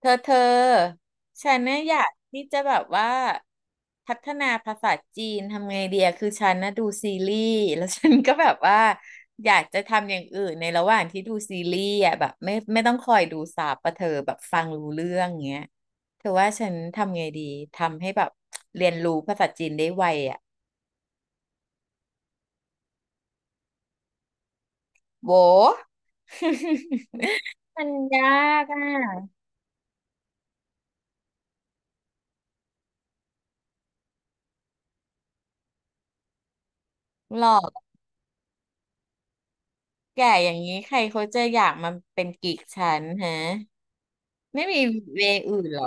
เธอฉันเนี่ยอยากที่จะแบบว่าพัฒนาภาษาจีนทำไงเดียคือฉันนะดูซีรีส์แล้วฉันก็แบบว่าอยากจะทำอย่างอื่นในระหว่างที่ดูซีรีส์อ่ะแบบไม่ต้องคอยดูซับปะเธอแบบฟังรู้เรื่องเงี้ยเธอว่าฉันทำไงดีทำให้แบบเรียนรู้ภาษาจีนได้ไวอ่ะโว้ มันยากอ่ะหรอกแก่อย่างนี้ใครเขาจะอยากมาเป็นกิ๊กฉันฮะไม่มีเวย์อื่นเหรอ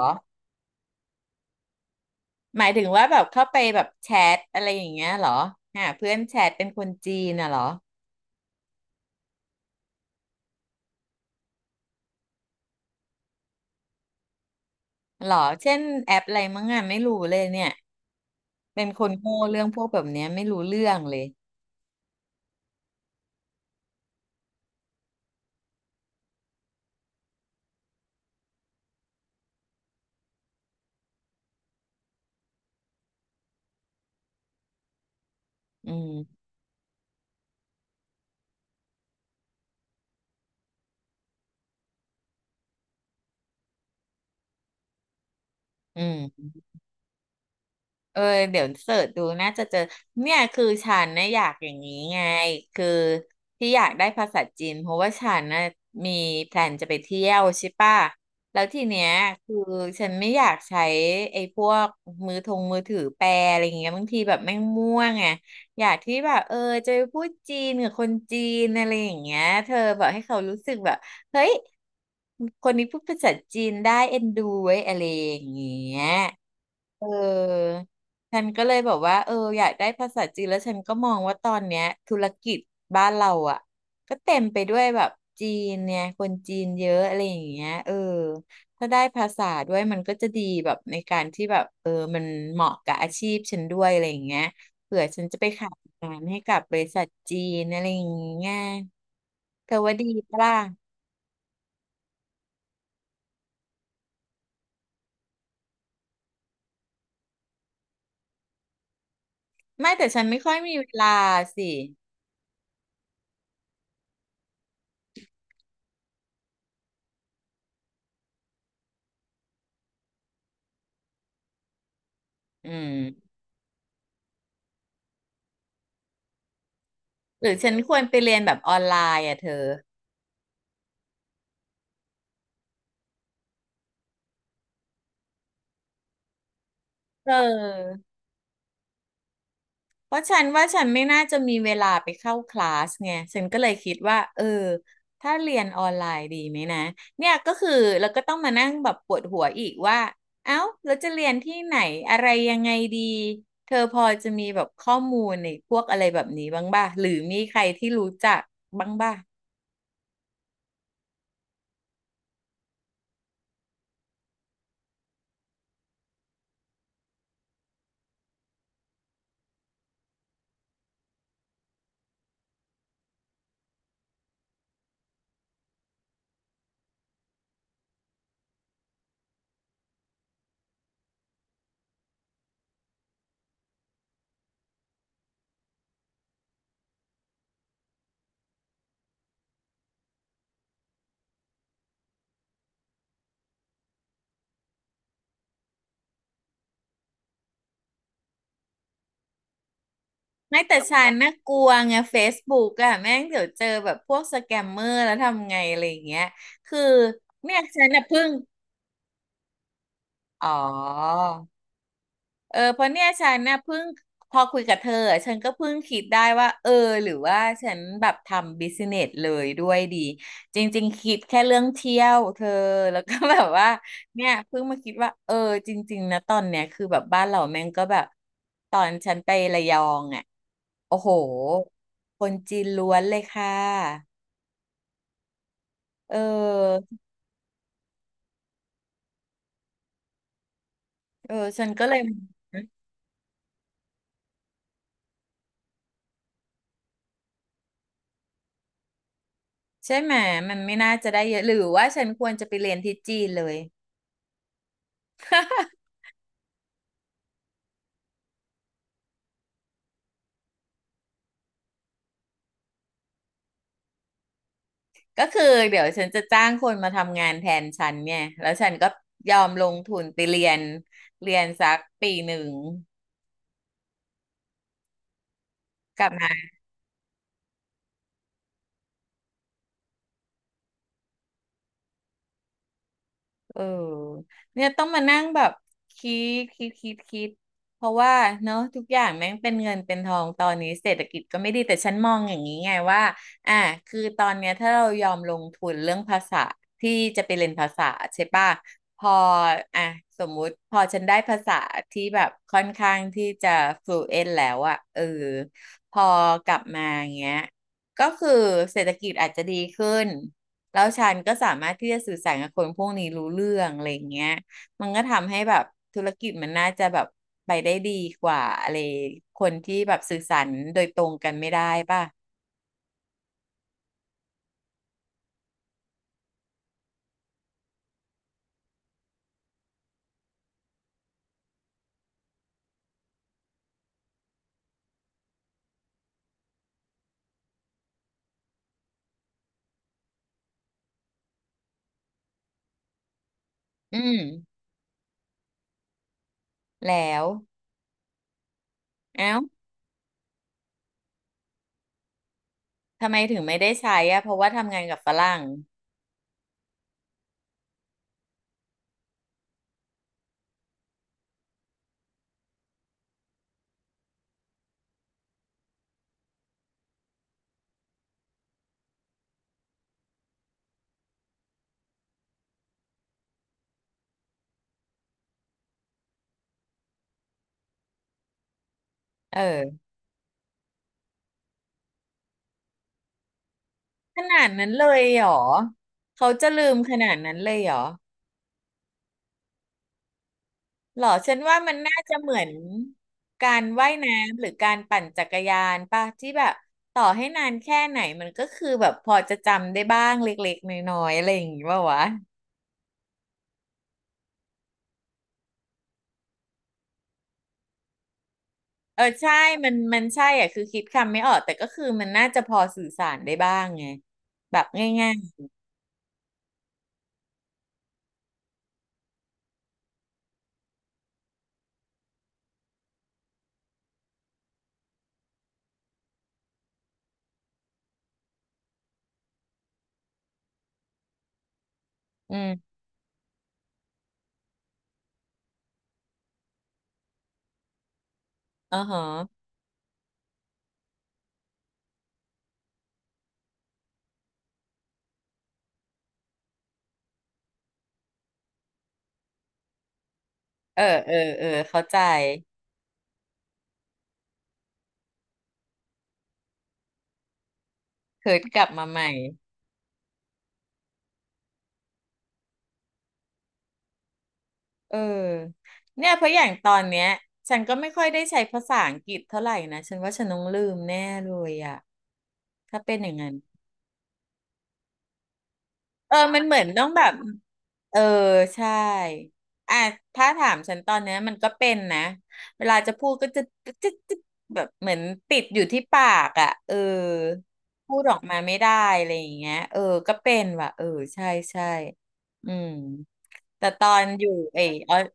หมายถึงว่าแบบเข้าไปแบบแชทอะไรอย่างเงี้ยเหรอหาเพื่อนแชทเป็นคนจีนน่ะเหรอเหรอเช่นแอปอะไรมั้งอ่ะไม่รู้เลยเนี่ยเป็นคนโง่เรื่องพวกแบบเนี้ยไม่รู้เรื่องเลยอืมอืม เออเดี๋ยวเสิร์ชดูน่าจะเจอเนี่ยคือฉันนะอยากอย่างนี้ไงคือที่อยากได้ภาษาจีนเพราะว่าฉันนะมีแพลนจะไปเที่ยวใช่ป่ะแล้วทีเนี้ยคือฉันไม่อยากใช้ไอ้พวกมือถือแปลอะไรอย่างเงี้ยบางทีแบบแม่งม่วงไงอยากที่แบบจะไปพูดจีนกับคนจีนอะไรอย่างเงี้ยเธอแบบให้เขารู้สึกแบบเฮ้ยคนนี้พูดภาษาจีนได้เอ็นดูไว้ยอะไรอย่างเงี้ยเออ ฉันก็เลยแอกว่าเอออยากได้ภาษาจีนแล้วฉันก็มองว่าตอนเนี้ยธุรกิจบ้านเราอ่ะก็เต็มไปด้วยแบบจีนเนี่ยคนจีนเยอะอะไรอย่างเงี้ยเออถ้าได้ภาษาด้วยมันก็จะดีแบบในการที่แบบมันเหมาะกับอาชีพฉันด้วยอะไรอย่างเงี้ยเผื่อฉันจะไปขายงานให้กับบริษัทจีนอะไรอย่างเงี้ยเธอว่าดีปะล่ะไม่แต่ฉันไม่ค่อยมีเวลาสิอืมหรือฉันควรไปเรียนแบบออนไลน์อ่ะเธอเออ เพราะฉันว่าฉันไม่น่าจะมีเวลาไปเข้าคลาสไงฉันก็เลยคิดว่าเออถ้าเรียนออนไลน์ดีไหมนะเนี่ยก็คือเราก็ต้องมานั่งแบบปวดหัวอีกว่าเอ้าเราจะเรียนที่ไหนอะไรยังไงดีเธอพอจะมีแบบข้อมูลในพวกอะไรแบบนี้บ้างหรือมีใครที่รู้จักบ้างป่งไม่แต่ฉันน่ากลัวไง Facebook อะแม่งเดี๋ยวเจอแบบพวกสแกมเมอร์แล้วทำไงอะไรอย่างเงี้ยคือเนี่ยฉันน่ะเพิ่งอ๋อ เออเพราะเนี่ยฉันเนี่ยเพิ่งพอคุยกับเธออะฉันก็เพิ่งคิดได้ว่าเออหรือว่าฉันแบบทำบิสเนสเลยด้วยดีจริงๆคิดแค่เรื่องเที่ยวเธอแล้วก็ แบบว่าเนี่ยเพิ่งมาคิดว่าเออจริงๆนะตอนเนี้ยคือแบบบ้านเราแม่งก็แบบตอนฉันไประยองอ่ะโอ้โหคนจีนล้วนเลยค่ะเออเออฉันก็เลยใช่ไหมมันไม่น่าจะได้เยอะหรือว่าฉันควรจะไปเรียนที่จีนเลย ก็คือเดี๋ยวฉันจะจ้างคนมาทำงานแทนฉันเนี่ยแล้วฉันก็ยอมลงทุนไปเรียนเรียนสักปีหนึ่งกลับมา เออเนี่ยต้องมานั่งแบบคิคิดเพราะว่าเนาะทุกอย่างแม่งเป็นเงินเป็นทองตอนนี้เศรษฐกิจก็ไม่ดีแต่ฉันมองอย่างนี้ไงว่าอ่ะคือตอนเนี้ยถ้าเรายอมลงทุนเรื่องภาษาที่จะไปเรียนภาษาใช่ป่ะพออ่ะสมมุติพอฉันได้ภาษาที่แบบค่อนข้างที่จะ fluent แล้วอะเออพอกลับมาอย่างเงี้ยก็คือเศรษฐกิจอาจจะดีขึ้น แล้วฉันก็สามารถที่จะสื่อสารกับคนพวกนี้รู้เรื่องอะไรอย่างเงี้ยมันก็ทำให้แบบธุรกิจมันน่าจะแบบไปได้ดีกว่าอะไรคนที่แบบสื่อสารโดยตรงกันไม่ได้ป่ะอืมแล้วเอ้าทำไมถึงไม่ได้ใช้อะเพราะว่าทำงานกับฝรั่งเออขนาดนั้นเลยเหรอเขาจะลืมขนาดนั้นเลยเหรอ หรอฉันว่ามันน่าจะเหมือนการว่ายน้ำหรือการปั่นจักรยานป่ะที่แบบต่อให้นานแค่ไหนมันก็คือแบบพอจะจำได้บ้างเล็กๆน้อยๆอะไรอย่างงี้ป่าววะเออใช่มันใช่อ่ะคือคิดคำไม่ออกแต่ก็คือมันน่าจะพอสื่อสารได้บ้างไงแบบง่ายๆอืมอ๋อฮะเออเออเออเข้าใจเคิร์ดกลับมาใหม่ เออเนี่ยเพราะอย่างตอนเนี้ยฉันก็ไม่ค่อยได้ใช้ภาษาอังกฤษเท่าไหร่นะฉันว่าฉันต้องลืมแน่เลยอ่ะถ้าเป็นอย่างนั้นเออมันเหมือนต้องแบบเออใช่อ่ะถ้าถามฉันตอนเนี้ยมันก็เป็นนะเวลาจะพูดก็จะแบบเหมือนติดอยู่ที่ปากอ่ะเออพูดออกมาไม่ได้อะไรอย่างเงี้ยเออก็เป็นว่ะเออใช่ใช่อืมแต่ตอนอยู่ไอออส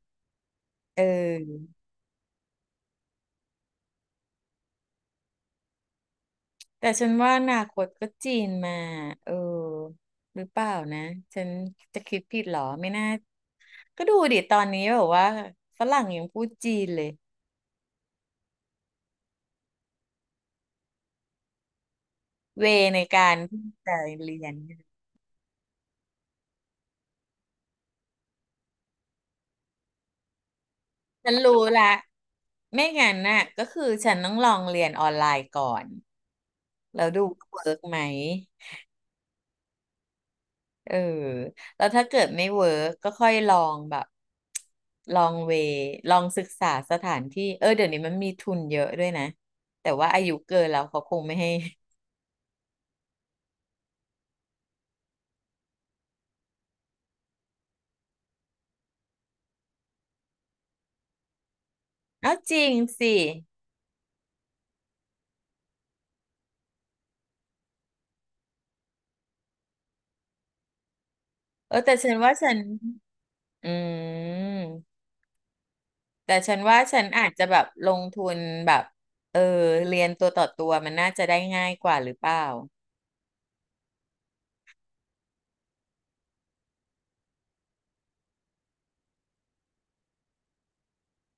เออ แต่ฉันว่าอนาคตก็จีนมาเออหรือเปล่านะฉันจะคิดผิดเหรอไม่น่าก็ดูดิตอนนี้แบบว่าฝรั่งยังพูดจีนเลยเวในการที่จะเรียนฉันรู้ละไม่งั้นน่ะก็คือฉันต้องลองเรียนออนไลน์ก่อนแล้วดูว่าเวิร์กไหม เออแล้วถ้าเกิดไม่เวิร์กก็ค่อยลองแบบลองเวลองศึกษาสถานที่เออเดี๋ยวนี้มันมีทุนเยอะด้วยนะแต่ว่าอายุเกินแล้วเขาคงไม่ให้ เอาจริงสิเออแต่ฉันว่าฉันอืมแต่ฉันว่าฉันอาจจะแบบลงทุนแบบเออเรียนตัวต่อตัวมันน่าจะได้ง่ายกว่าหรือเปล่า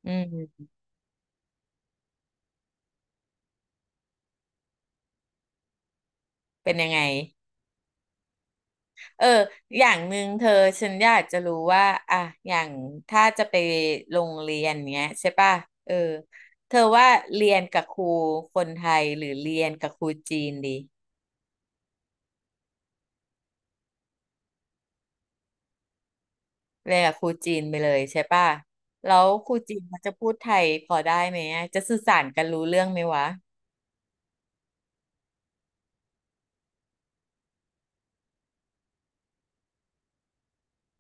อืมเป็นยังไง เอออย่างหนึ่งเธอฉันอยากจะรู้ว่า อ่ะอย่างถ้าจะไปโรงเรียนเนี้ยใช่ป่ะเออเธอว่าเรียนกับครูคนไทยหรือเรียนกับครูจีนดีเรียนกับครูจีนไปเลยใช่ป่ะแล้วครูจีนเขาจะพูดไทยพอได้ไหมอะจะสื่อสารกันรู้เรื่องไหมวะ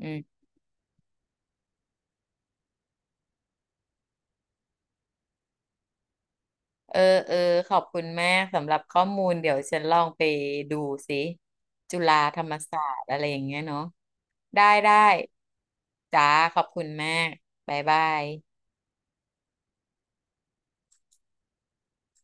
อืม เออเออขอบคุณมากสำหรับข้อมูลเดี๋ยวฉันลองไปดูสิจุฬาธรรมศาสตร์อะไรอย่างเงี้ยเนาะได้ได้จ้าขอบคุณมากบ๊ายบาย